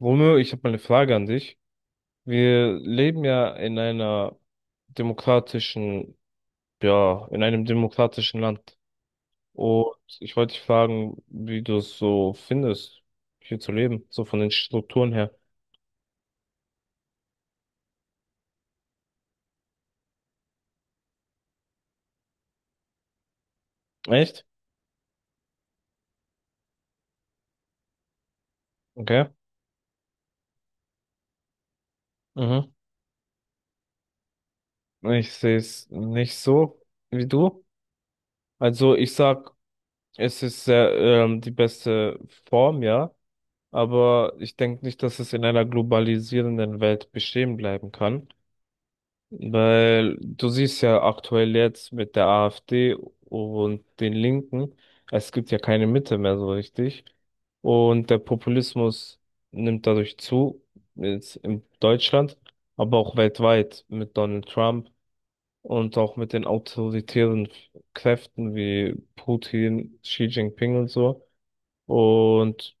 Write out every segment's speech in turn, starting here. Romeo, ich habe mal eine Frage an dich. Wir leben ja in einer demokratischen, ja, in einem demokratischen Land. Und ich wollte dich fragen, wie du es so findest, hier zu leben, so von den Strukturen her. Echt? Okay. Mhm. Ich sehe es nicht so wie du. Also ich sag, es ist sehr, die beste Form, ja. Aber ich denke nicht, dass es in einer globalisierenden Welt bestehen bleiben kann. Weil du siehst ja aktuell jetzt mit der AfD und den Linken, es gibt ja keine Mitte mehr so richtig. Und der Populismus nimmt dadurch zu, jetzt in Deutschland, aber auch weltweit mit Donald Trump und auch mit den autoritären Kräften wie Putin, Xi Jinping und so. Und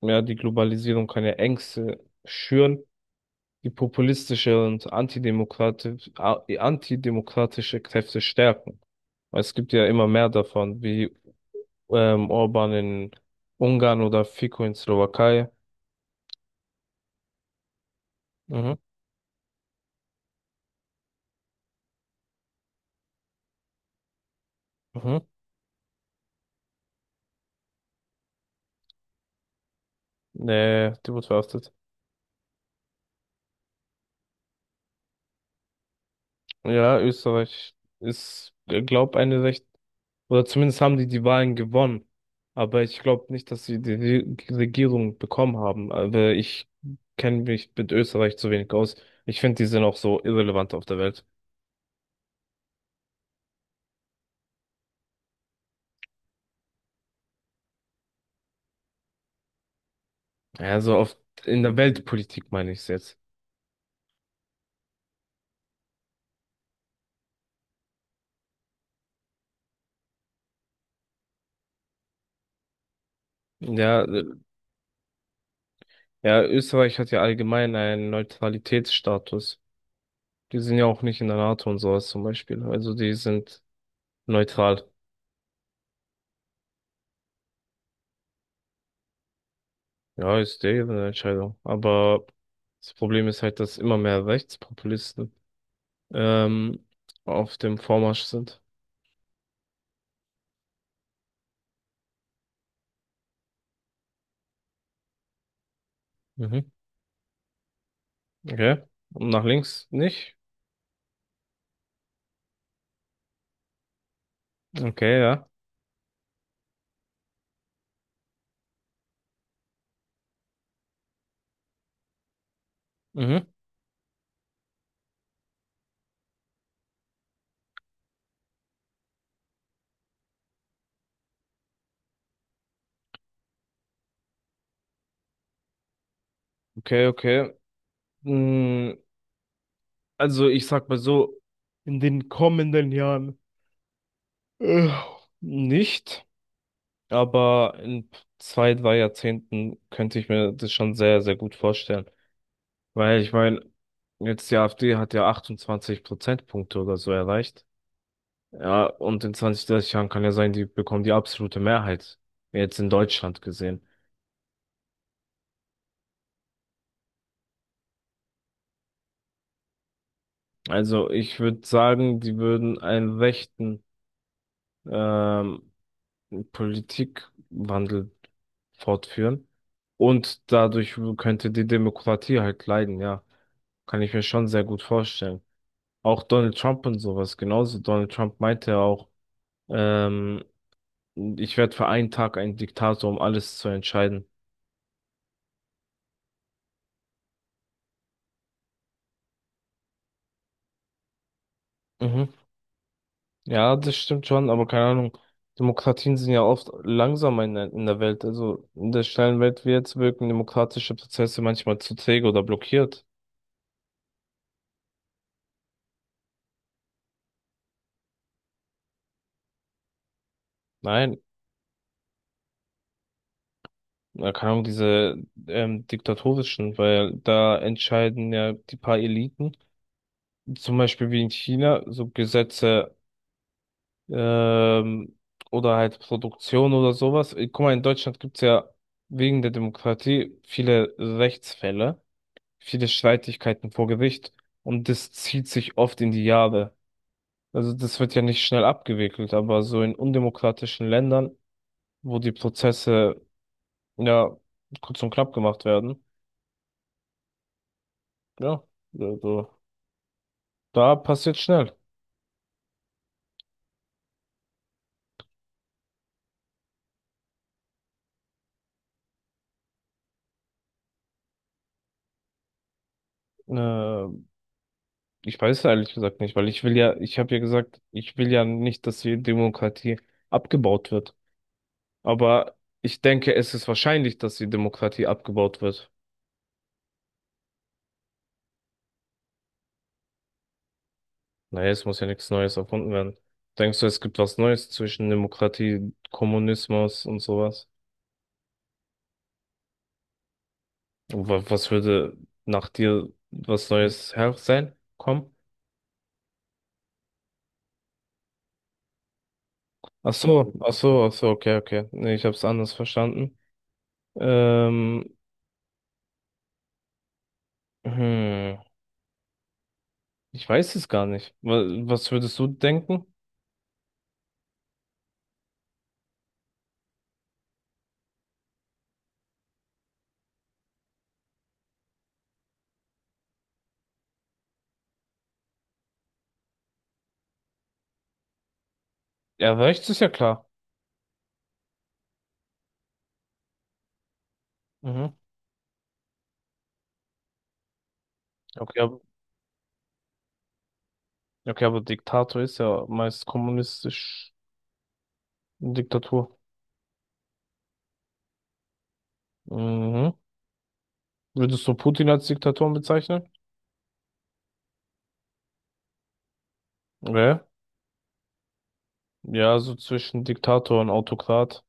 ja, die Globalisierung kann ja Ängste schüren, die populistische und antidemokratische Kräfte stärken. Weil es gibt ja immer mehr davon, wie Orban in Ungarn oder Fico in Slowakei. Mhm. Mhm. Nee, die wurde verhaftet. Ja, Österreich ist, glaub, oder zumindest haben die Wahlen gewonnen. Aber ich glaube nicht, dass sie die Regierung bekommen haben. Aber ich kenne mich mit Österreich zu wenig aus. Ich finde, die sind auch so irrelevant auf der Welt. Ja, so auf, in der Weltpolitik meine ich es jetzt. Ja, ja, Österreich hat ja allgemein einen Neutralitätsstatus. Die sind ja auch nicht in der NATO und sowas zum Beispiel. Also die sind neutral. Ja, ist deren Entscheidung. Aber das Problem ist halt, dass immer mehr Rechtspopulisten ähm, auf dem Vormarsch sind. Mhm. Okay. Und nach links nicht? Okay, ja. Mhm. Okay, okay. Mm, Also ich sag mal so, in den kommenden Jahren. Äh, nicht, aber in 2, 3 Jahrzehnten könnte ich mir das schon sehr, sehr gut vorstellen. Weil ich meine, jetzt die AfD hat ja 28 Prozentpunkte oder so erreicht. Ja, und in 20, 30 Jahren kann ja sein, die bekommen die absolute Mehrheit. Jetzt in Deutschland gesehen. Also ich würde sagen, die würden einen rechten, ähm, Politikwandel fortführen. Und dadurch könnte die Demokratie halt leiden, ja. Kann ich mir schon sehr gut vorstellen. Auch Donald Trump und sowas genauso. Donald Trump meinte ja auch, ähm, ich werde für einen Tag ein Diktator, um alles zu entscheiden. Mhm. Ja, das stimmt schon, aber keine Ahnung. Demokratien sind ja oft langsamer in der Welt. Also in der schnellen Welt wie jetzt wirken demokratische Prozesse manchmal zu träge oder blockiert. Nein, na, keine Ahnung, diese diktatorischen, weil da entscheiden ja die paar Eliten, zum Beispiel wie in China, so Gesetze, ähm, oder halt Produktion oder sowas. Guck mal, in Deutschland gibt's ja wegen der Demokratie viele Rechtsfälle, viele Streitigkeiten vor Gericht, und das zieht sich oft in die Jahre. Also das wird ja nicht schnell abgewickelt, aber so in undemokratischen Ländern, wo die Prozesse ja kurz und knapp gemacht werden, ja. Also, da passiert schnell. Äh, Ich weiß ehrlich gesagt nicht, weil ich will ja, ich habe ja gesagt, ich will ja nicht, dass die Demokratie abgebaut wird. Aber ich denke, es ist wahrscheinlich, dass die Demokratie abgebaut wird. Naja, es muss ja nichts Neues erfunden werden. Denkst du, es gibt was Neues zwischen Demokratie, Kommunismus und sowas? Was würde nach dir was Neues her sein? Komm. Ach so, ach so, ach so, okay, okay. Nee, ich habe es anders verstanden. Ähm, hm. Ich weiß es gar nicht. Was würdest du denken? Ja, rechts ist ja klar. Mhm. Okay, aber, okay, aber Diktator ist ja meist kommunistisch, eine Diktatur. Mhm. Würdest du Putin als Diktator bezeichnen? Ja. Ja, so zwischen Diktator und Autokrat.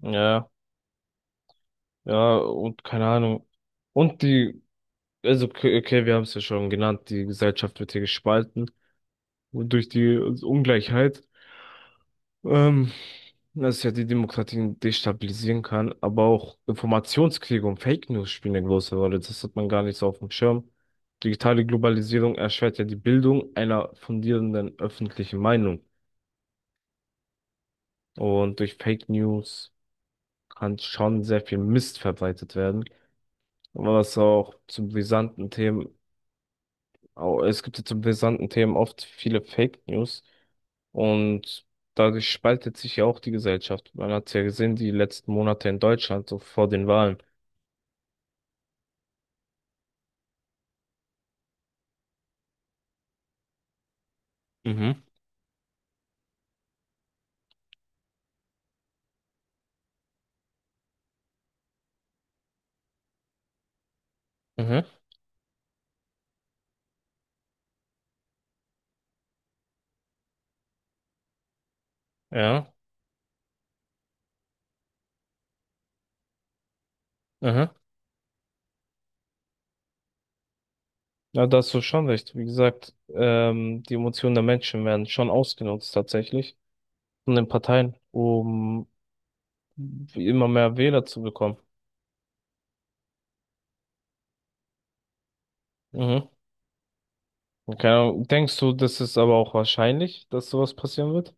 Ja, ja, und keine Ahnung. Und die, also, okay, okay, wir haben es ja schon genannt, die Gesellschaft wird hier gespalten durch die Ungleichheit. Ähm, dass ja die Demokratien destabilisieren kann, aber auch Informationskriege und Fake News spielen eine große Rolle. Das hat man gar nicht so auf dem Schirm. Digitale Globalisierung erschwert ja die Bildung einer fundierenden öffentlichen Meinung. Und durch Fake News kann schon sehr viel Mist verbreitet werden, was auch zu brisanten Themen, es gibt ja zu brisanten Themen oft viele Fake News, und dadurch spaltet sich ja auch die Gesellschaft. Man hat es ja gesehen, die letzten Monate in Deutschland, so vor den Wahlen. Mhm. Mhm, ja, mhm. Ja, da hast du schon recht. Wie gesagt, die Emotionen der Menschen werden schon ausgenutzt tatsächlich von den Parteien, um immer mehr Wähler zu bekommen. Mhm. Okay. Denkst du, das ist aber auch wahrscheinlich, dass sowas passieren wird?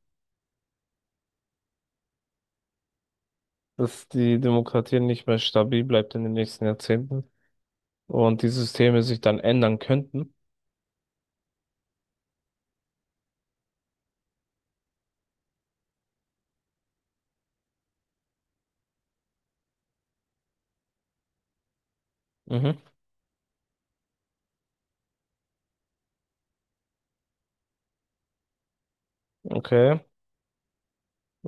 Dass die Demokratie nicht mehr stabil bleibt in den nächsten Jahrzehnten und die Systeme sich dann ändern könnten. Mhm. Okay,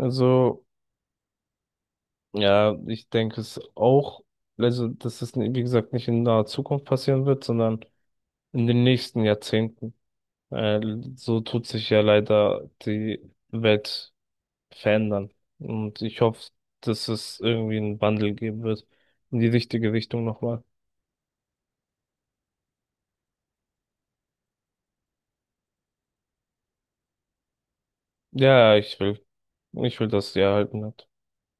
also ja, ich denke es auch, also dass es, wie gesagt, nicht in naher Zukunft passieren wird, sondern in den nächsten Jahrzehnten. Äh, so tut sich ja leider die Welt verändern. Und ich hoffe, dass es irgendwie einen Wandel geben wird in die richtige Richtung nochmal. Ja, ich will. Ich will, dass die erhalten wird.